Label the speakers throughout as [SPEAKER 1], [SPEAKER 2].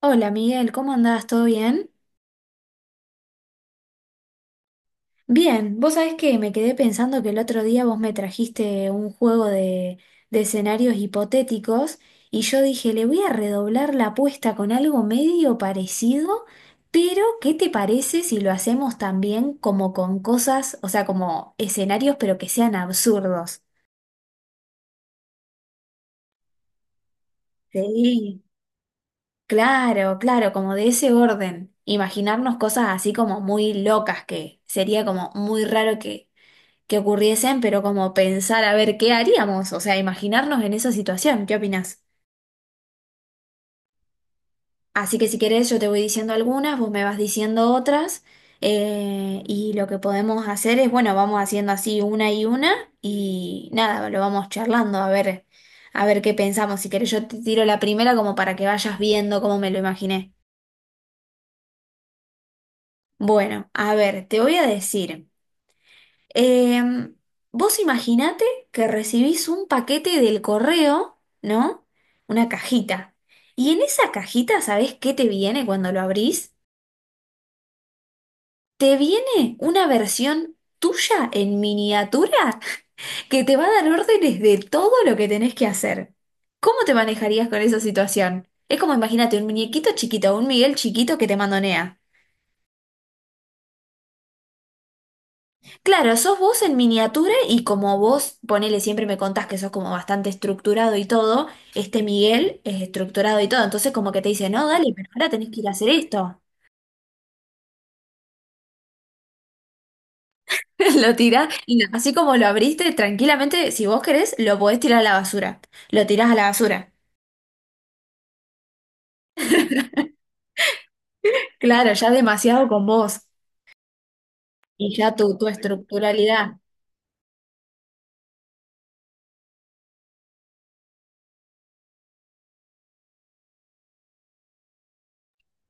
[SPEAKER 1] Hola Miguel, ¿cómo andás? ¿Todo bien? Bien, vos sabés que me quedé pensando que el otro día vos me trajiste un juego de escenarios hipotéticos y yo dije, le voy a redoblar la apuesta con algo medio parecido, pero ¿qué te parece si lo hacemos también como con cosas, o sea, como escenarios pero que sean absurdos? Sí. Claro, claro, como de ese orden. Imaginarnos cosas así como muy locas que sería como muy raro que ocurriesen, pero como pensar a ver qué haríamos, o sea, imaginarnos en esa situación, ¿qué opinás? Así que si querés yo te voy diciendo algunas, vos me vas diciendo otras, y lo que podemos hacer es, bueno, vamos haciendo así una, y nada, lo vamos charlando a ver qué pensamos. Si querés yo te tiro la primera como para que vayas viendo cómo me lo imaginé. Bueno, a ver, te voy a decir. Em, vos imaginate que recibís un paquete del correo, ¿no? Una cajita. Y en esa cajita, ¿sabés qué te viene cuando lo abrís? Te viene una versión tuya en miniatura que te va a dar órdenes de todo lo que tenés que hacer. ¿Cómo te manejarías con esa situación? Es como imagínate un muñequito chiquito, un Miguel chiquito que te mandonea. Claro, sos vos en miniatura y como vos, ponele, siempre me contás que sos como bastante estructurado y todo, este Miguel es estructurado y todo, entonces como que te dice, no, dale, pero ahora tenés que ir a hacer esto. Lo tirás y no, así como lo abriste, tranquilamente, si vos querés, lo podés tirar a la basura. Lo tirás a la basura. Claro, ya demasiado con vos y ya tu estructuralidad.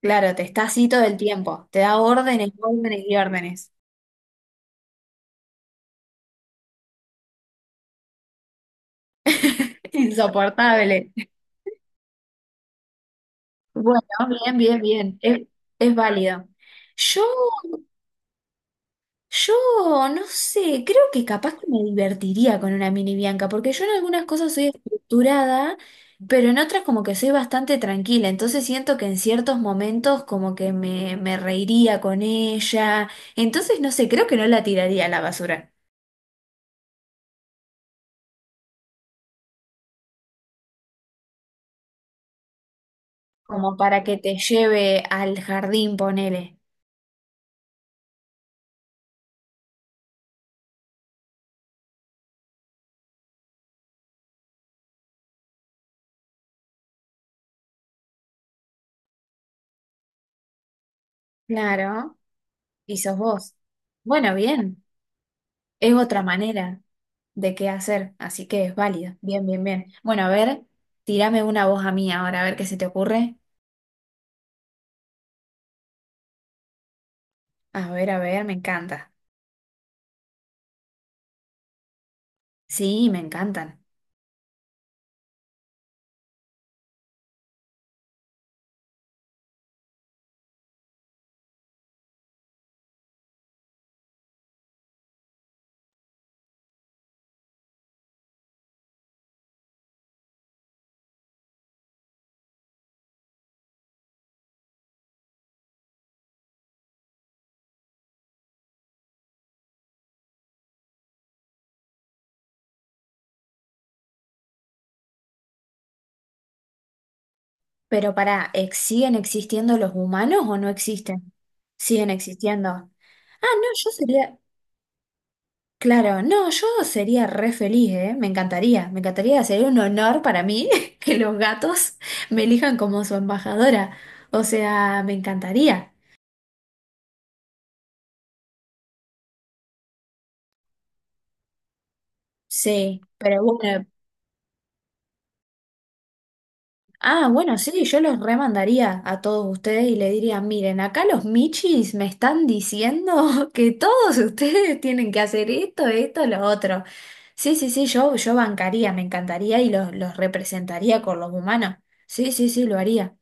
[SPEAKER 1] Claro, te está así todo el tiempo, te da órdenes, órdenes y órdenes. Insoportable. Bueno, bien, bien, bien. Es válido. Yo, yo no sé, creo que capaz que me divertiría con una mini Bianca, porque yo en algunas cosas soy estructurada, pero en otras como que soy bastante tranquila. Entonces siento que en ciertos momentos como que me reiría con ella. Entonces no sé, creo que no la tiraría a la basura. Como para que te lleve al jardín, ponele. Claro. Y sos vos. Bueno, bien. Es otra manera de qué hacer, así que es válido. Bien, bien, bien. Bueno, a ver, tírame una voz a mí ahora, a ver qué se te ocurre. A ver, me encanta. Sí, me encantan. Pero para ¿siguen existiendo los humanos o no existen? Siguen existiendo. Ah, no, yo sería, claro, no, yo sería re feliz, ¿eh? Me encantaría, sería un honor para mí que los gatos me elijan como su embajadora. O sea, me encantaría. Sí, pero bueno. Ah, bueno, sí, yo los remandaría a todos ustedes y le diría, miren, acá los michis me están diciendo que todos ustedes tienen que hacer esto, esto, lo otro. Sí, sí, sí, yo bancaría, me encantaría y los representaría con los humanos. Sí, sí, sí, lo haría.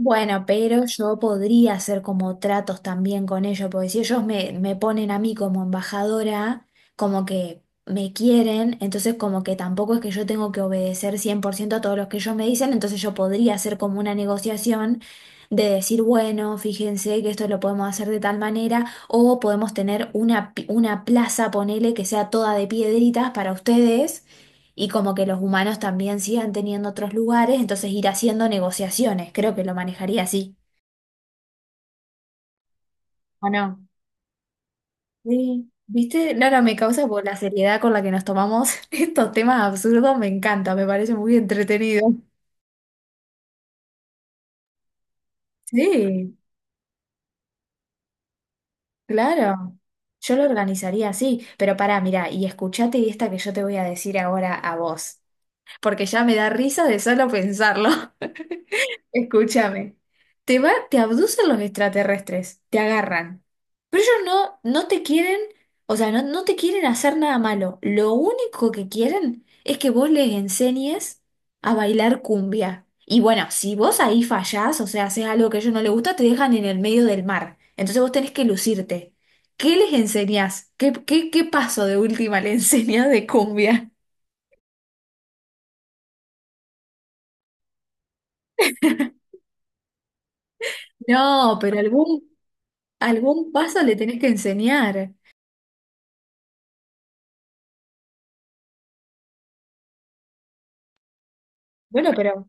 [SPEAKER 1] Bueno, pero yo podría hacer como tratos también con ellos, porque si ellos me ponen a mí como embajadora, como que me quieren, entonces como que tampoco es que yo tengo que obedecer 100% a todos los que ellos me dicen, entonces yo podría hacer como una negociación de decir, bueno, fíjense que esto lo podemos hacer de tal manera, o podemos tener una plaza, ponele, que sea toda de piedritas para ustedes. Y como que los humanos también sigan teniendo otros lugares, entonces ir haciendo negociaciones. Creo que lo manejaría así. ¿O no? Sí. ¿Viste? Laura, me causa por la seriedad con la que nos tomamos estos temas absurdos. Me encanta, me parece muy entretenido. Sí, claro. Yo lo organizaría así. Pero pará, mira, y escuchate esta que yo te voy a decir ahora a vos. Porque ya me da risa de solo pensarlo. Escúchame, te abducen los extraterrestres, te agarran, pero ellos no, no te quieren, o sea, no, no te quieren hacer nada malo. Lo único que quieren es que vos les enseñes a bailar cumbia. Y bueno, si vos ahí fallás, o sea, haces algo que a ellos no les gusta, te dejan en el medio del mar. Entonces vos tenés que lucirte. ¿Qué les enseñás? ¿Qué paso de última le enseñás de cumbia? No, pero algún paso le tenés que enseñar. Bueno, pero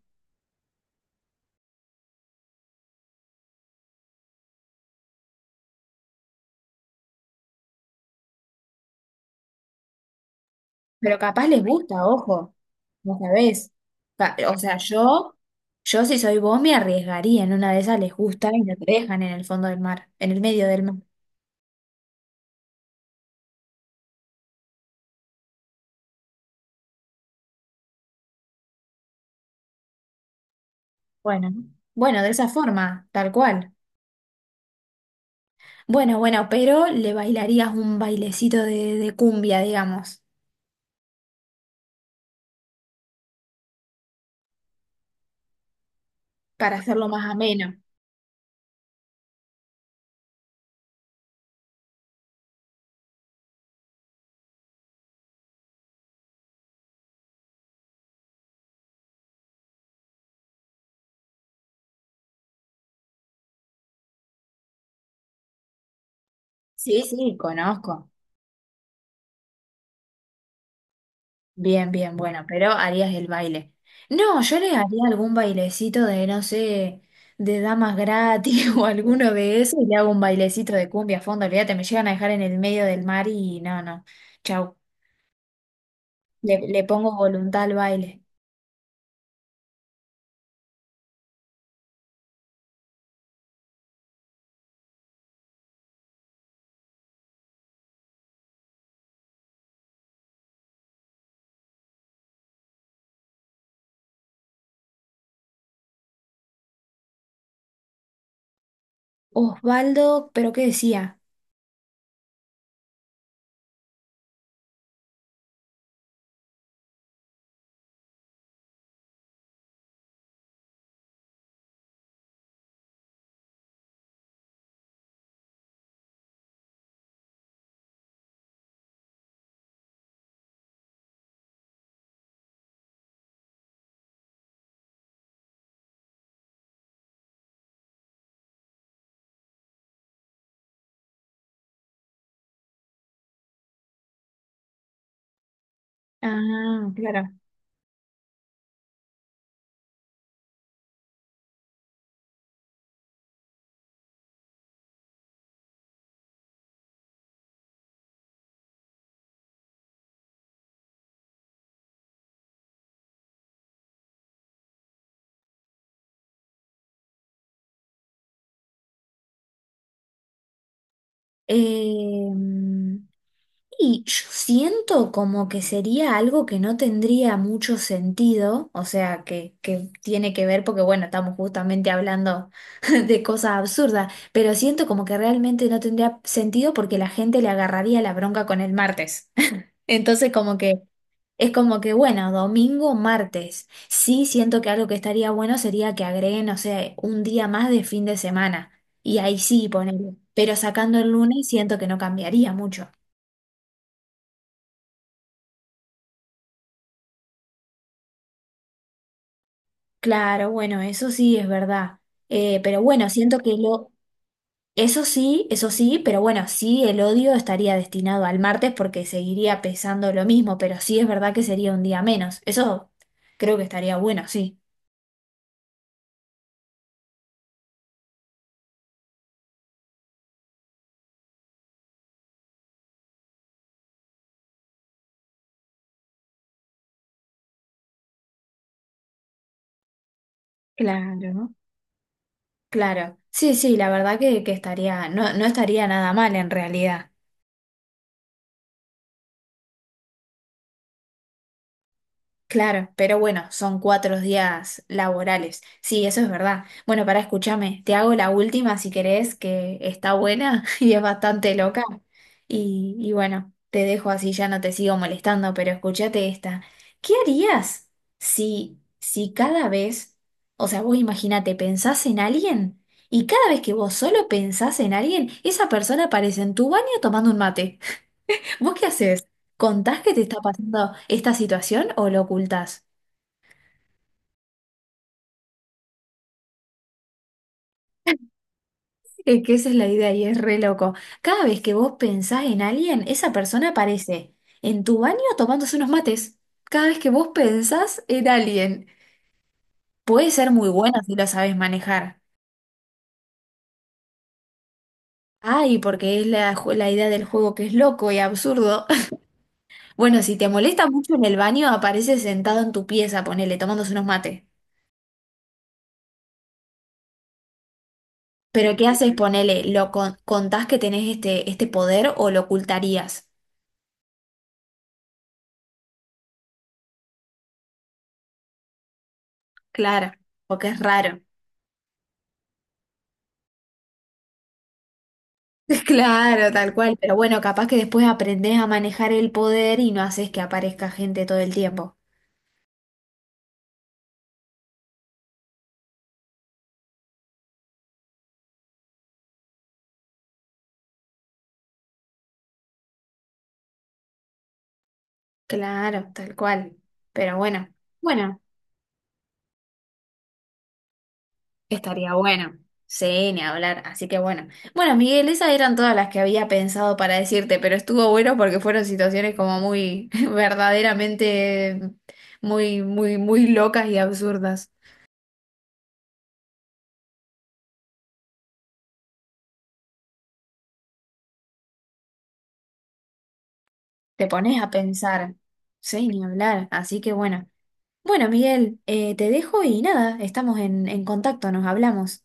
[SPEAKER 1] Pero capaz les gusta, ojo, no sabés. O sea, yo, si soy vos me arriesgaría, en una de esas les gusta y lo dejan en el fondo del mar, en el medio del mar. Bueno, bueno, de esa forma, tal cual. Bueno, bueno, pero le bailarías un bailecito de cumbia, digamos, para hacerlo más ameno. Sí, sí, conozco. Bien, bien, bueno, pero harías el baile. No, yo le haría algún bailecito de, no sé, de damas gratis o alguno de esos y le hago un bailecito de cumbia a fondo. Olvídate, me llegan a dejar en el medio del mar y no, no. Chau. Le pongo voluntad al baile. Osvaldo, ¿pero qué decía? Ah, claro. Eh, Y yo siento como que sería algo que no tendría mucho sentido, o sea, que tiene que ver, porque bueno, estamos justamente hablando de cosas absurdas, pero siento como que realmente no tendría sentido porque la gente le agarraría la bronca con el martes. Entonces como que es como que bueno, domingo, martes. Sí siento que algo que estaría bueno sería que agreguen, no sé, un día más de fin de semana. Y ahí sí ponerlo. Pero sacando el lunes siento que no cambiaría mucho. Claro, bueno, eso sí es verdad. Pero bueno, siento que lo. Eso sí, pero bueno, sí, el odio estaría destinado al martes porque seguiría pesando lo mismo, pero sí es verdad que sería un día menos. Eso creo que estaría bueno, sí. Claro. Claro. Sí, sí, la verdad que estaría, no, no estaría nada mal en realidad. Claro, pero bueno, son 4 días laborales. Sí, eso es verdad. Bueno, para escúchame, te hago la última si querés, que está buena y es bastante loca. Y bueno, te dejo así, ya no te sigo molestando, pero escúchate esta. ¿Qué harías si cada vez, o sea, vos imagínate, pensás en alguien y cada vez que vos solo pensás en alguien, esa persona aparece en tu baño tomando un mate? ¿Vos qué haces? ¿Contás que te está pasando esta situación o lo ocultás? Es que esa es la idea y es re loco. Cada vez que vos pensás en alguien, esa persona aparece en tu baño tomándose unos mates. Cada vez que vos pensás en alguien, puede ser muy buena si la sabes manejar. Ay, porque es la idea del juego que es loco y absurdo. Bueno, si te molesta mucho en el baño, aparece sentado en tu pieza, ponele, tomándose unos mates. Pero ¿qué haces? Ponele, ¿lo contás que tenés este poder o lo ocultarías? Claro, porque es raro. Claro, tal cual, pero bueno, capaz que después aprendés a manejar el poder y no haces que aparezca gente todo el tiempo. Claro, tal cual. Pero bueno, bueno, estaría bueno. Sí, ni hablar, así que bueno. Bueno, Miguel, esas eran todas las que había pensado para decirte, pero estuvo bueno porque fueron situaciones como muy, verdaderamente, muy, muy, muy locas y absurdas. Te pones a pensar, sí, ni hablar, así que bueno. Bueno, Miguel, te dejo y nada, estamos en contacto, nos hablamos.